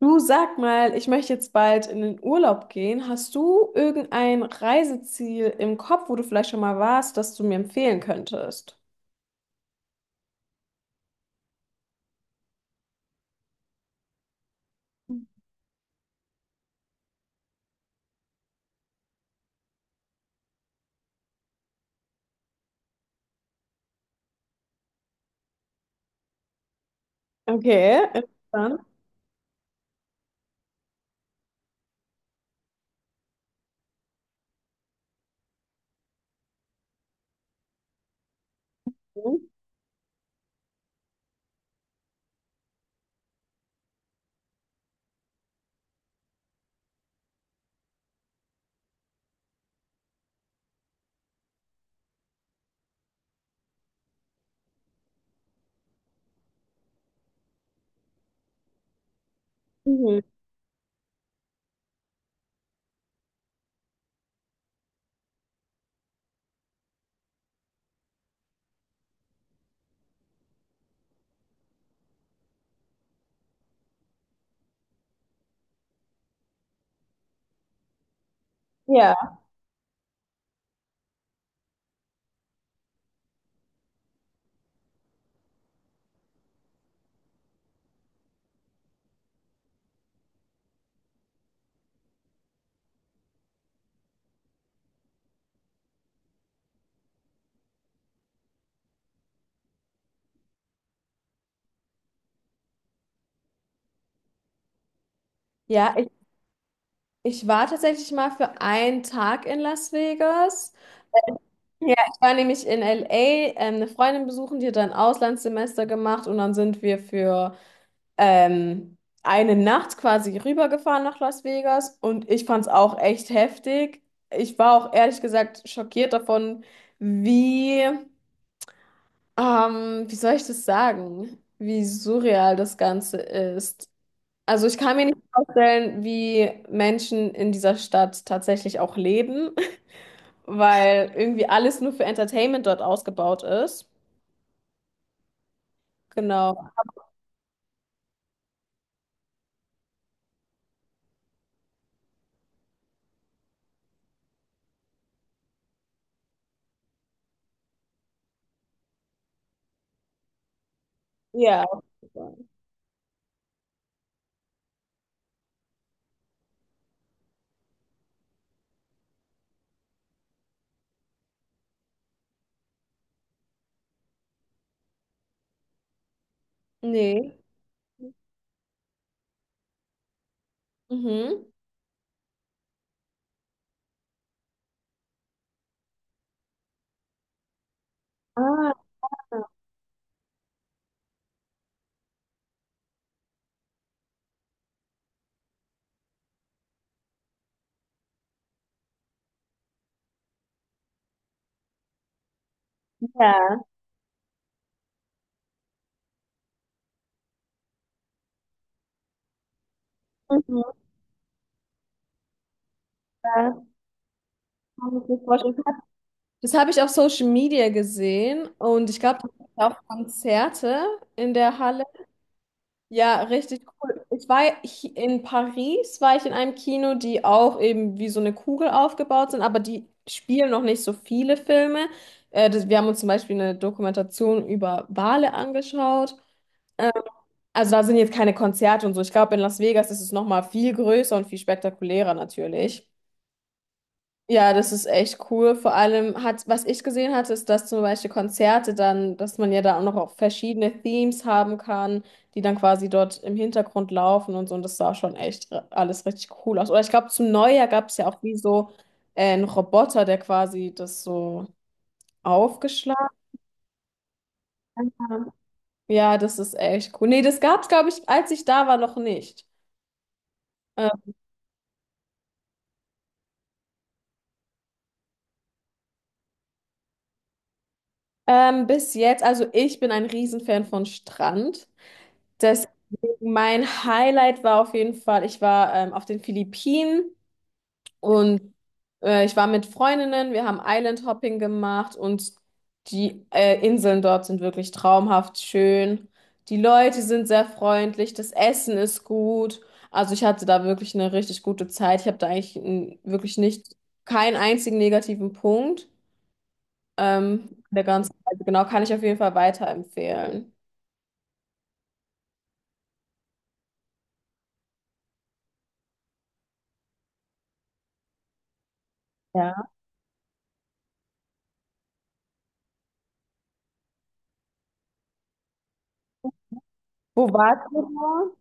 Du sag mal, ich möchte jetzt bald in den Urlaub gehen. Hast du irgendein Reiseziel im Kopf, wo du vielleicht schon mal warst, das du mir empfehlen könntest? Okay, interessant. Mhm. Ja. Ja, ich war tatsächlich mal für einen Tag in Las Vegas. Ja, ich war nämlich in LA, eine Freundin besuchen, die hat da ein Auslandssemester gemacht und dann sind wir für ähm, eine Nacht quasi rübergefahren nach Las Vegas und ich fand es auch echt heftig. Ich war auch ehrlich gesagt schockiert davon, wie, wie soll ich das sagen, wie surreal das Ganze ist. Also ich kann mir nicht vorstellen, wie Menschen in dieser Stadt tatsächlich auch leben, weil irgendwie alles nur für Entertainment dort ausgebaut ist. Genau. Ja. Nee. Mhm. Ah, ja. Mhm. Kann ich mir vorstellen. Das habe ich auf Social Media gesehen und ich glaube, auch Konzerte in der Halle. Ja, richtig cool. Ich war in Paris, war ich in einem Kino, die auch eben wie so eine Kugel aufgebaut sind, aber die spielen noch nicht so viele Filme. Wir haben uns zum Beispiel eine Dokumentation über Wale angeschaut. Ähm, also da sind jetzt keine Konzerte und so. Ich glaube, in Las Vegas ist es nochmal viel größer und viel spektakulärer natürlich. Ja, das ist echt cool. Vor allem hat, was ich gesehen hatte, ist, dass zum Beispiel Konzerte dann, dass man ja da auch noch auch verschiedene Themes haben kann, die dann quasi dort im Hintergrund laufen und so. Und das sah schon echt alles richtig cool aus. Oder ich glaube, zum Neujahr gab es ja auch wie so einen Roboter, der quasi das so aufgeschlagen hat. Ja, das ist echt cool. Nee, das gab es, glaube ich, als ich da war, noch nicht. Äh, Bis jetzt, also ich bin ein Riesenfan von Strand. Deswegen mein Highlight war auf jeden Fall, ich war auf den Philippinen und ich war mit Freundinnen, wir haben Island Hopping gemacht und die Inseln dort sind wirklich traumhaft schön. Die Leute sind sehr freundlich, das Essen ist gut. Also ich hatte da wirklich eine richtig gute Zeit. Ich habe da eigentlich wirklich nicht keinen einzigen negativen Punkt. Der ganzen Zeit, genau, kann ich auf jeden Fall weiterempfehlen. Ja. Wo warst du?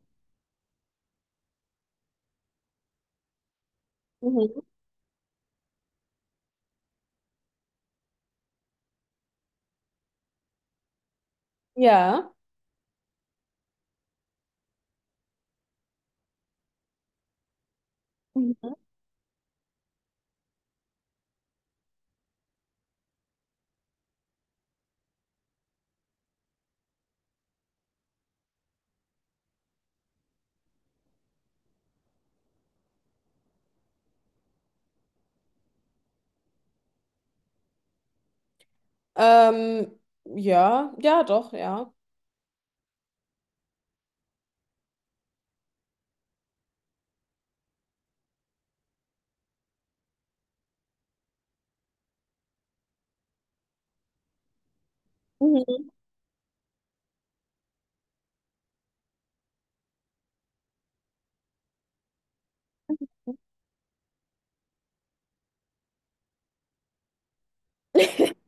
Mhm. Ja. Mhm. Ähm, ja, ja, doch, ja. Mhm.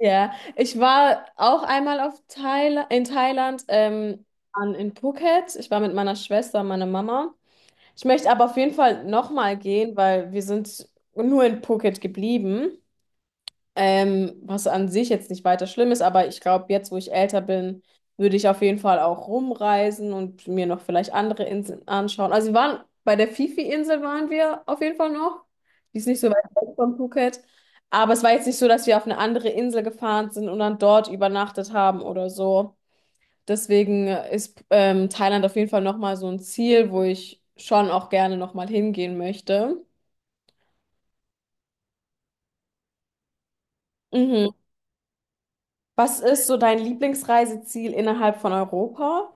Ja, ich war auch einmal auf Thail in Thailand, in Phuket. Ich war mit meiner Schwester und meiner Mama. Ich möchte aber auf jeden Fall nochmal gehen, weil wir sind nur in Phuket geblieben. Was an sich jetzt nicht weiter schlimm ist, aber ich glaube, jetzt, wo ich älter bin, würde ich auf jeden Fall auch rumreisen und mir noch vielleicht andere Inseln anschauen. Also wir waren bei der Fifi-Insel waren wir auf jeden Fall noch. Die ist nicht so weit weg von Phuket. Aber es war jetzt nicht so, dass wir auf eine andere Insel gefahren sind und dann dort übernachtet haben oder so. Deswegen ist Thailand auf jeden Fall nochmal so ein Ziel, wo ich schon auch gerne nochmal hingehen möchte. Mhm. Was ist so dein Lieblingsreiseziel innerhalb von Europa?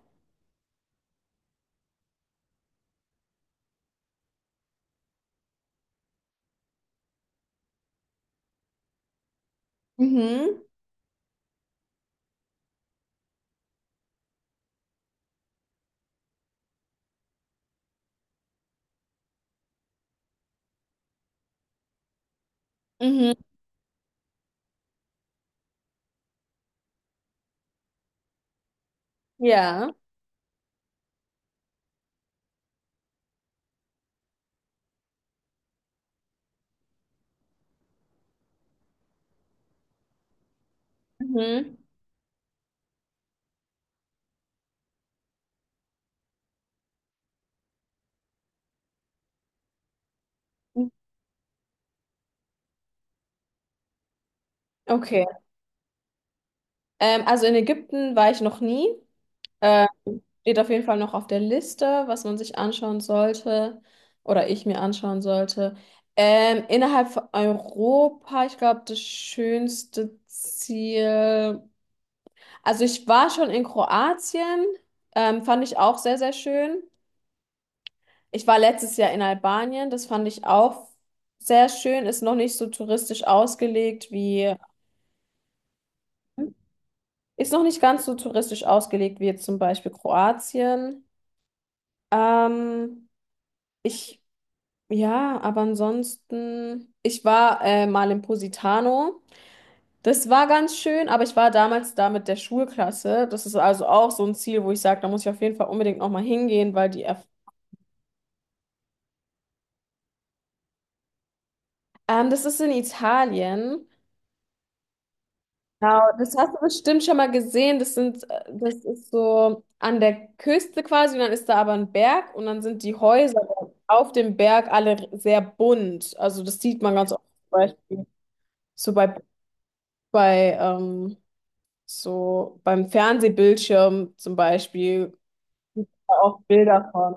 Mhm, mhm, ja, mhm. Okay. Also in Ägypten war ich noch nie. Ähm, steht auf jeden Fall noch auf der Liste, was man sich anschauen sollte oder ich mir anschauen sollte. Innerhalb von Europa, ich glaube, das schönste Ziel. Also ich war schon in Kroatien, fand ich auch sehr, sehr schön. Ich war letztes Jahr in Albanien, das fand ich auch sehr schön, ist noch nicht so touristisch ausgelegt wie. Ist noch nicht ganz so touristisch ausgelegt wie jetzt zum Beispiel Kroatien. Ähm, ich, ja, aber ansonsten, ich war mal in Positano. Das war ganz schön, aber ich war damals da mit der Schulklasse. Das ist also auch so ein Ziel, wo ich sage, da muss ich auf jeden Fall unbedingt nochmal hingehen, weil die. Erf Das ist in Italien. Genau, das hast du bestimmt schon mal gesehen. Das ist so an der Küste quasi und dann ist da aber ein Berg und dann sind die Häuser auf dem Berg alle sehr bunt. Also das sieht man ganz oft zum Beispiel so bei, bei ähm, so beim Fernsehbildschirm zum Beispiel gibt da auch Bilder von.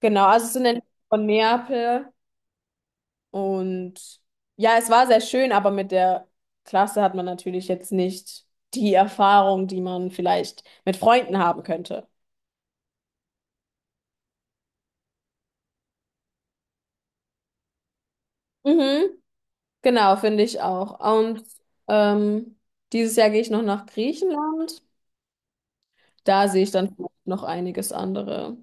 Genau, also es sind entweder von Neapel. Und ja, es war sehr schön, aber mit der Klasse hat man natürlich jetzt nicht die Erfahrung, die man vielleicht mit Freunden haben könnte. Mhm, genau, finde ich auch. Und ähm, dieses Jahr gehe ich noch nach Griechenland. Da sehe ich dann noch einiges andere.